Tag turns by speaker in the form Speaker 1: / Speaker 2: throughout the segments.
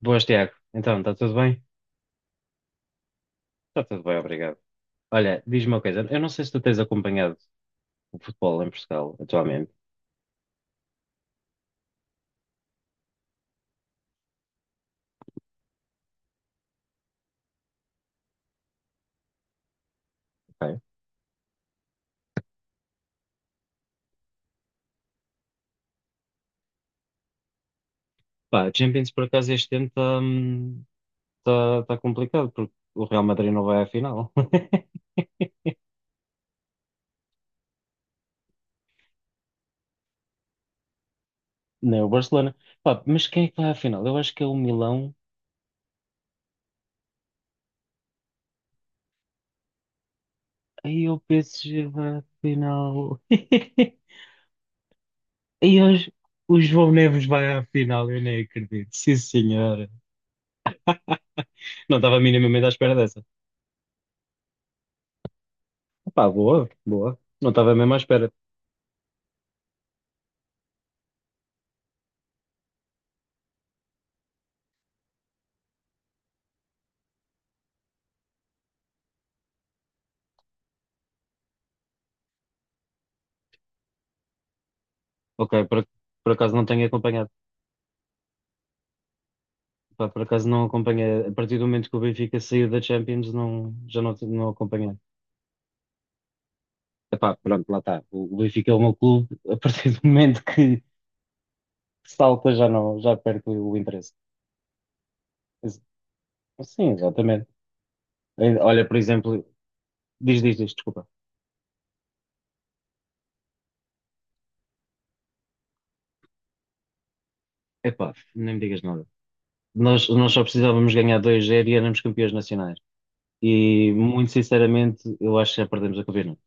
Speaker 1: Boas, Tiago. Então, está tudo bem? Está tudo bem, obrigado. Olha, diz-me uma coisa. Eu não sei se tu tens acompanhado o futebol em Portugal atualmente. Ok. Pá, Champions, por acaso, este ano está tá complicado, porque o Real Madrid não vai à final. Nem o Barcelona. Pá, mas quem é que vai à final? Eu acho que é o Milão. Aí o PSG vai à final. E hoje o João Neves vai à final. Eu nem acredito. Sim, senhora. Não estava minimamente à espera dessa. Pá, boa, boa. Não estava mesmo à espera. Ok, por, por acaso não tenho acompanhado. Pá, por acaso não acompanhei. A partir do momento que o Benfica saiu da Champions, não, já não, não acompanhei. Epá, pronto, lá está. O Benfica é o meu clube. A partir do momento que salta, já não, já perco o interesse. Mas, sim, exatamente. Olha, por exemplo, diz, desculpa. Epá, nem me digas nada. Nós só precisávamos ganhar dois 0 e éramos campeões nacionais. E, muito sinceramente, eu acho que já perdemos a campeonato.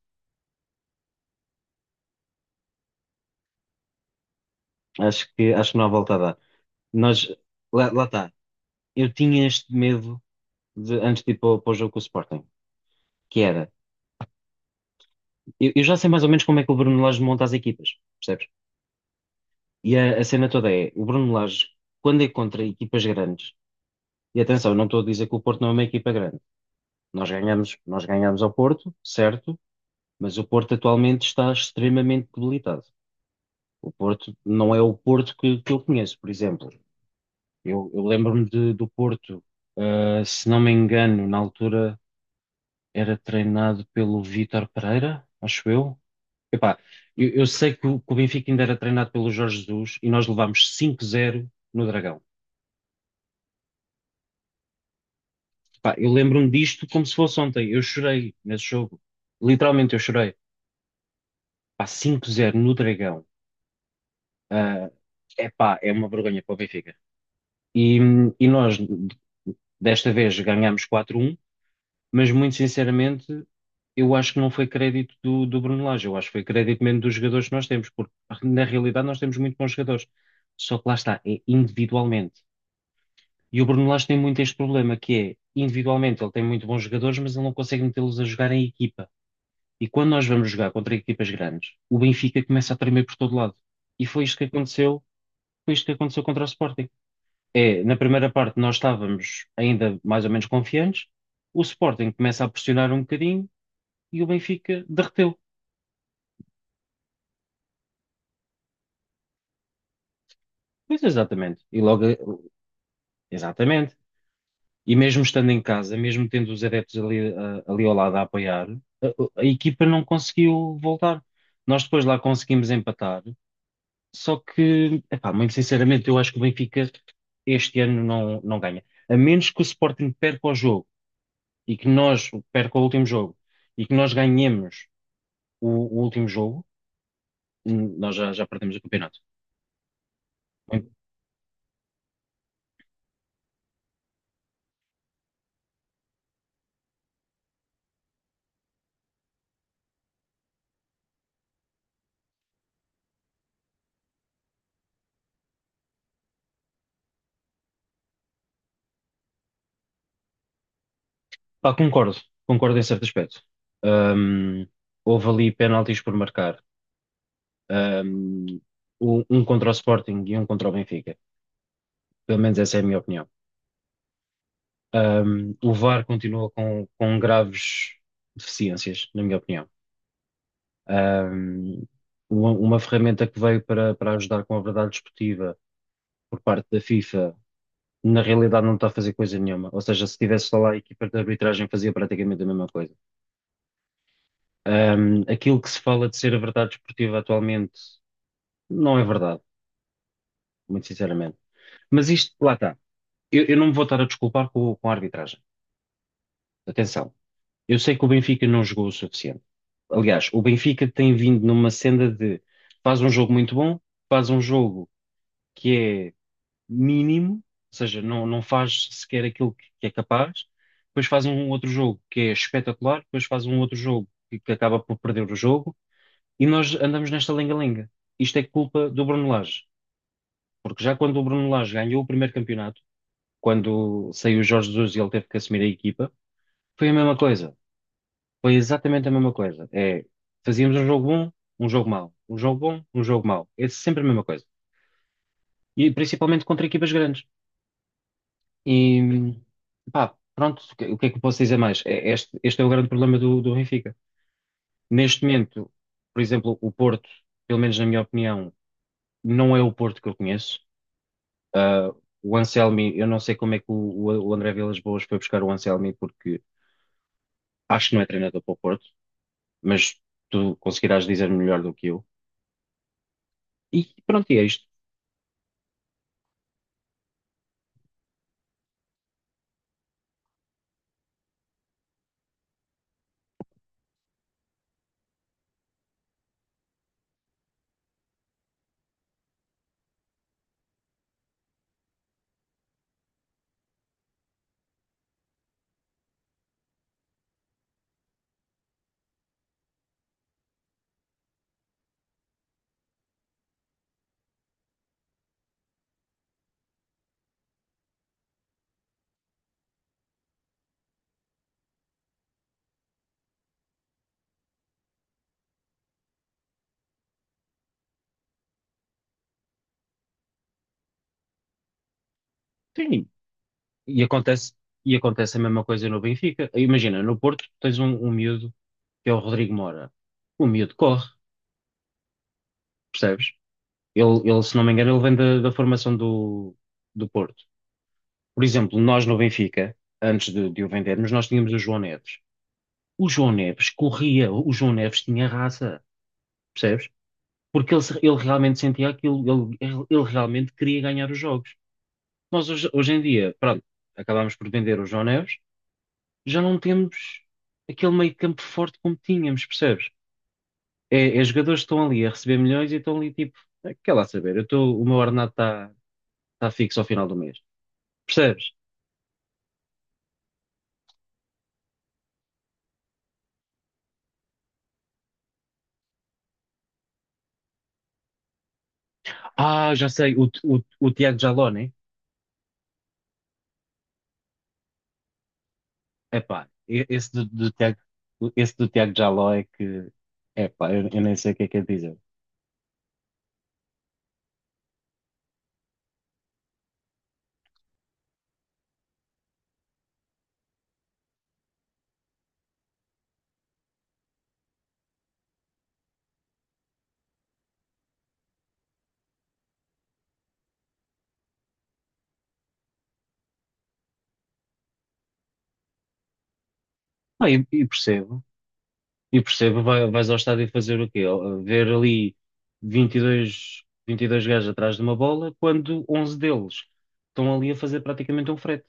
Speaker 1: Acho que não há volta a dar. Nós, lá está. Eu tinha este medo de, antes de ir para o jogo com o Sporting, que era, eu já sei mais ou menos como é que o Bruno Lage monta as equipas, percebes? E a cena toda é, o Bruno Lage, quando é contra equipas grandes, e atenção, eu não estou a dizer que o Porto não é uma equipa grande, nós ganhamos ao Porto, certo, mas o Porto atualmente está extremamente debilitado. O Porto não é o Porto que eu conheço, por exemplo. Eu do Porto, se não me engano, na altura era treinado pelo Vítor Pereira, acho eu. Epá, eu sei que que o Benfica ainda era treinado pelo Jorge Jesus e nós levámos 5-0 no Dragão. Epá, eu lembro-me disto como se fosse ontem. Eu chorei nesse jogo. Literalmente eu chorei. Epá, 5-0 no Dragão. Ah, epá, é uma vergonha para o Benfica. E, e nós, desta vez, ganhámos 4-1, mas muito sinceramente, eu acho que não foi crédito do Bruno Lage, eu acho que foi crédito mesmo dos jogadores que nós temos, porque na realidade nós temos muito bons jogadores, só que lá está, é individualmente. E o Bruno Lage tem muito este problema, que é, individualmente ele tem muito bons jogadores, mas ele não consegue metê-los a jogar em equipa. E quando nós vamos jogar contra equipas grandes, o Benfica começa a tremer por todo lado. E foi isto que aconteceu, foi isto que aconteceu contra o Sporting. É, na primeira parte nós estávamos ainda mais ou menos confiantes, o Sporting começa a pressionar um bocadinho, e o Benfica derreteu. Pois, exatamente. E logo, exatamente. E mesmo estando em casa, mesmo tendo os adeptos ali, ali ao lado a apoiar, a, a equipa não conseguiu voltar. Nós depois lá conseguimos empatar, só que, epá, muito sinceramente, eu acho que o Benfica este ano não ganha. A menos que o Sporting perca o jogo e que nós perca o último jogo e que nós ganhemos o, o último jogo. Já perdemos o campeonato. Pá, concordo, concordo em certo aspecto. Hum, houve ali penaltis por marcar. Hum, um contra o Sporting e um contra o Benfica. Pelo menos essa é a minha opinião. O VAR continua com graves deficiências, na minha opinião. Hum, uma ferramenta que veio para ajudar com a verdade desportiva por parte da FIFA, na realidade não está a fazer coisa nenhuma. Ou seja, se tivesse lá a equipa de arbitragem fazia praticamente a mesma coisa. Aquilo que se fala de ser a verdade desportiva atualmente não é verdade, muito sinceramente. Mas isto, lá está. Eu não me vou estar a desculpar com a arbitragem. Atenção. Eu sei que o Benfica não jogou o suficiente. Aliás, o Benfica tem vindo numa senda de faz um jogo muito bom, faz um jogo que é mínimo, ou seja, não faz sequer aquilo que é capaz, depois faz um outro jogo que é espetacular, depois faz um outro jogo que acaba por perder o jogo, e nós andamos nesta lenga-lenga. Isto é culpa do Bruno Lage, porque já quando o Bruno Lage ganhou o primeiro campeonato, quando saiu o Jorge Jesus e ele teve que assumir a equipa, foi a mesma coisa. Foi exatamente a mesma coisa. É, fazíamos um jogo bom, um jogo mau. Um jogo bom, um jogo mau. É sempre a mesma coisa. E principalmente contra equipas grandes. E pá, pronto, o que é que eu posso dizer mais? É, este é o grande problema do Benfica. Neste momento, por exemplo, o Porto, pelo menos na minha opinião, não é o Porto que eu conheço. Ah, o Anselmi, eu não sei como é que o André Vilas Boas foi buscar o Anselmi, porque acho que não é treinador para o Porto. Mas tu conseguirás dizer melhor do que eu. E pronto, e é isto. Sim, e acontece, e acontece a mesma coisa no Benfica. Imagina, no Porto tens um miúdo que é o Rodrigo Mora. O miúdo corre, percebes? Se não me engano, ele vem da formação do Porto. Por exemplo, nós no Benfica, antes de o vendermos, nós tínhamos o João Neves. O João Neves corria, o João Neves tinha raça, percebes? Porque ele, ele realmente sentia aquilo, ele realmente queria ganhar os jogos. Nós hoje, hoje em dia, pronto, acabámos por vender o João Neves, já não temos aquele meio campo forte como tínhamos, percebes? É, é jogadores que estão ali a receber milhões e estão ali tipo, "Ah, quer lá saber, eu estou o meu ordenado está tá fixo ao final do mês", percebes? Ah, já sei, o Tiago Jaló, né? Epá, do Tiago, esse do Tiago Jaló é que, epá, eu nem sei o que é dizer. E percebo. E percebo, vais ao estádio fazer o quê? Ver ali 22 gajos atrás de uma bola, quando 11 deles estão ali a fazer praticamente um frete.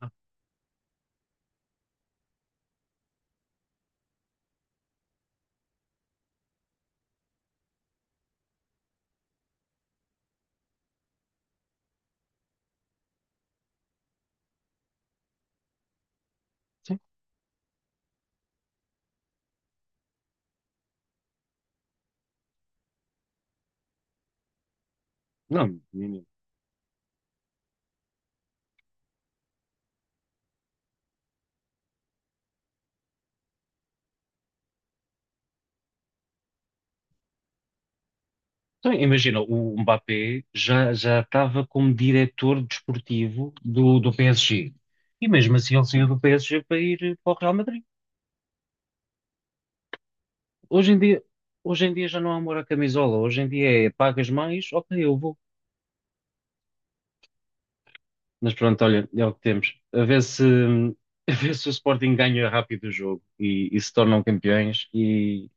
Speaker 1: Ah, sim. Não, menino. Então, imagina, o Mbappé já estava como diretor desportivo do PSG. E mesmo assim ele saiu do PSG para ir para o Real Madrid. Hoje em dia, hoje em dia já não há amor à camisola. Hoje em dia é pagas mais, ok, eu vou. Mas pronto, olha, é o que temos. A ver se, a ver se o Sporting ganha rápido o jogo e se tornam campeões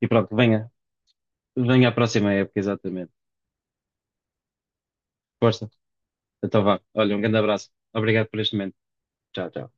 Speaker 1: e pronto, venha, venha à próxima época, exatamente. Força, então vá. Olha, um grande abraço. Obrigado por este momento. Tchau, tchau.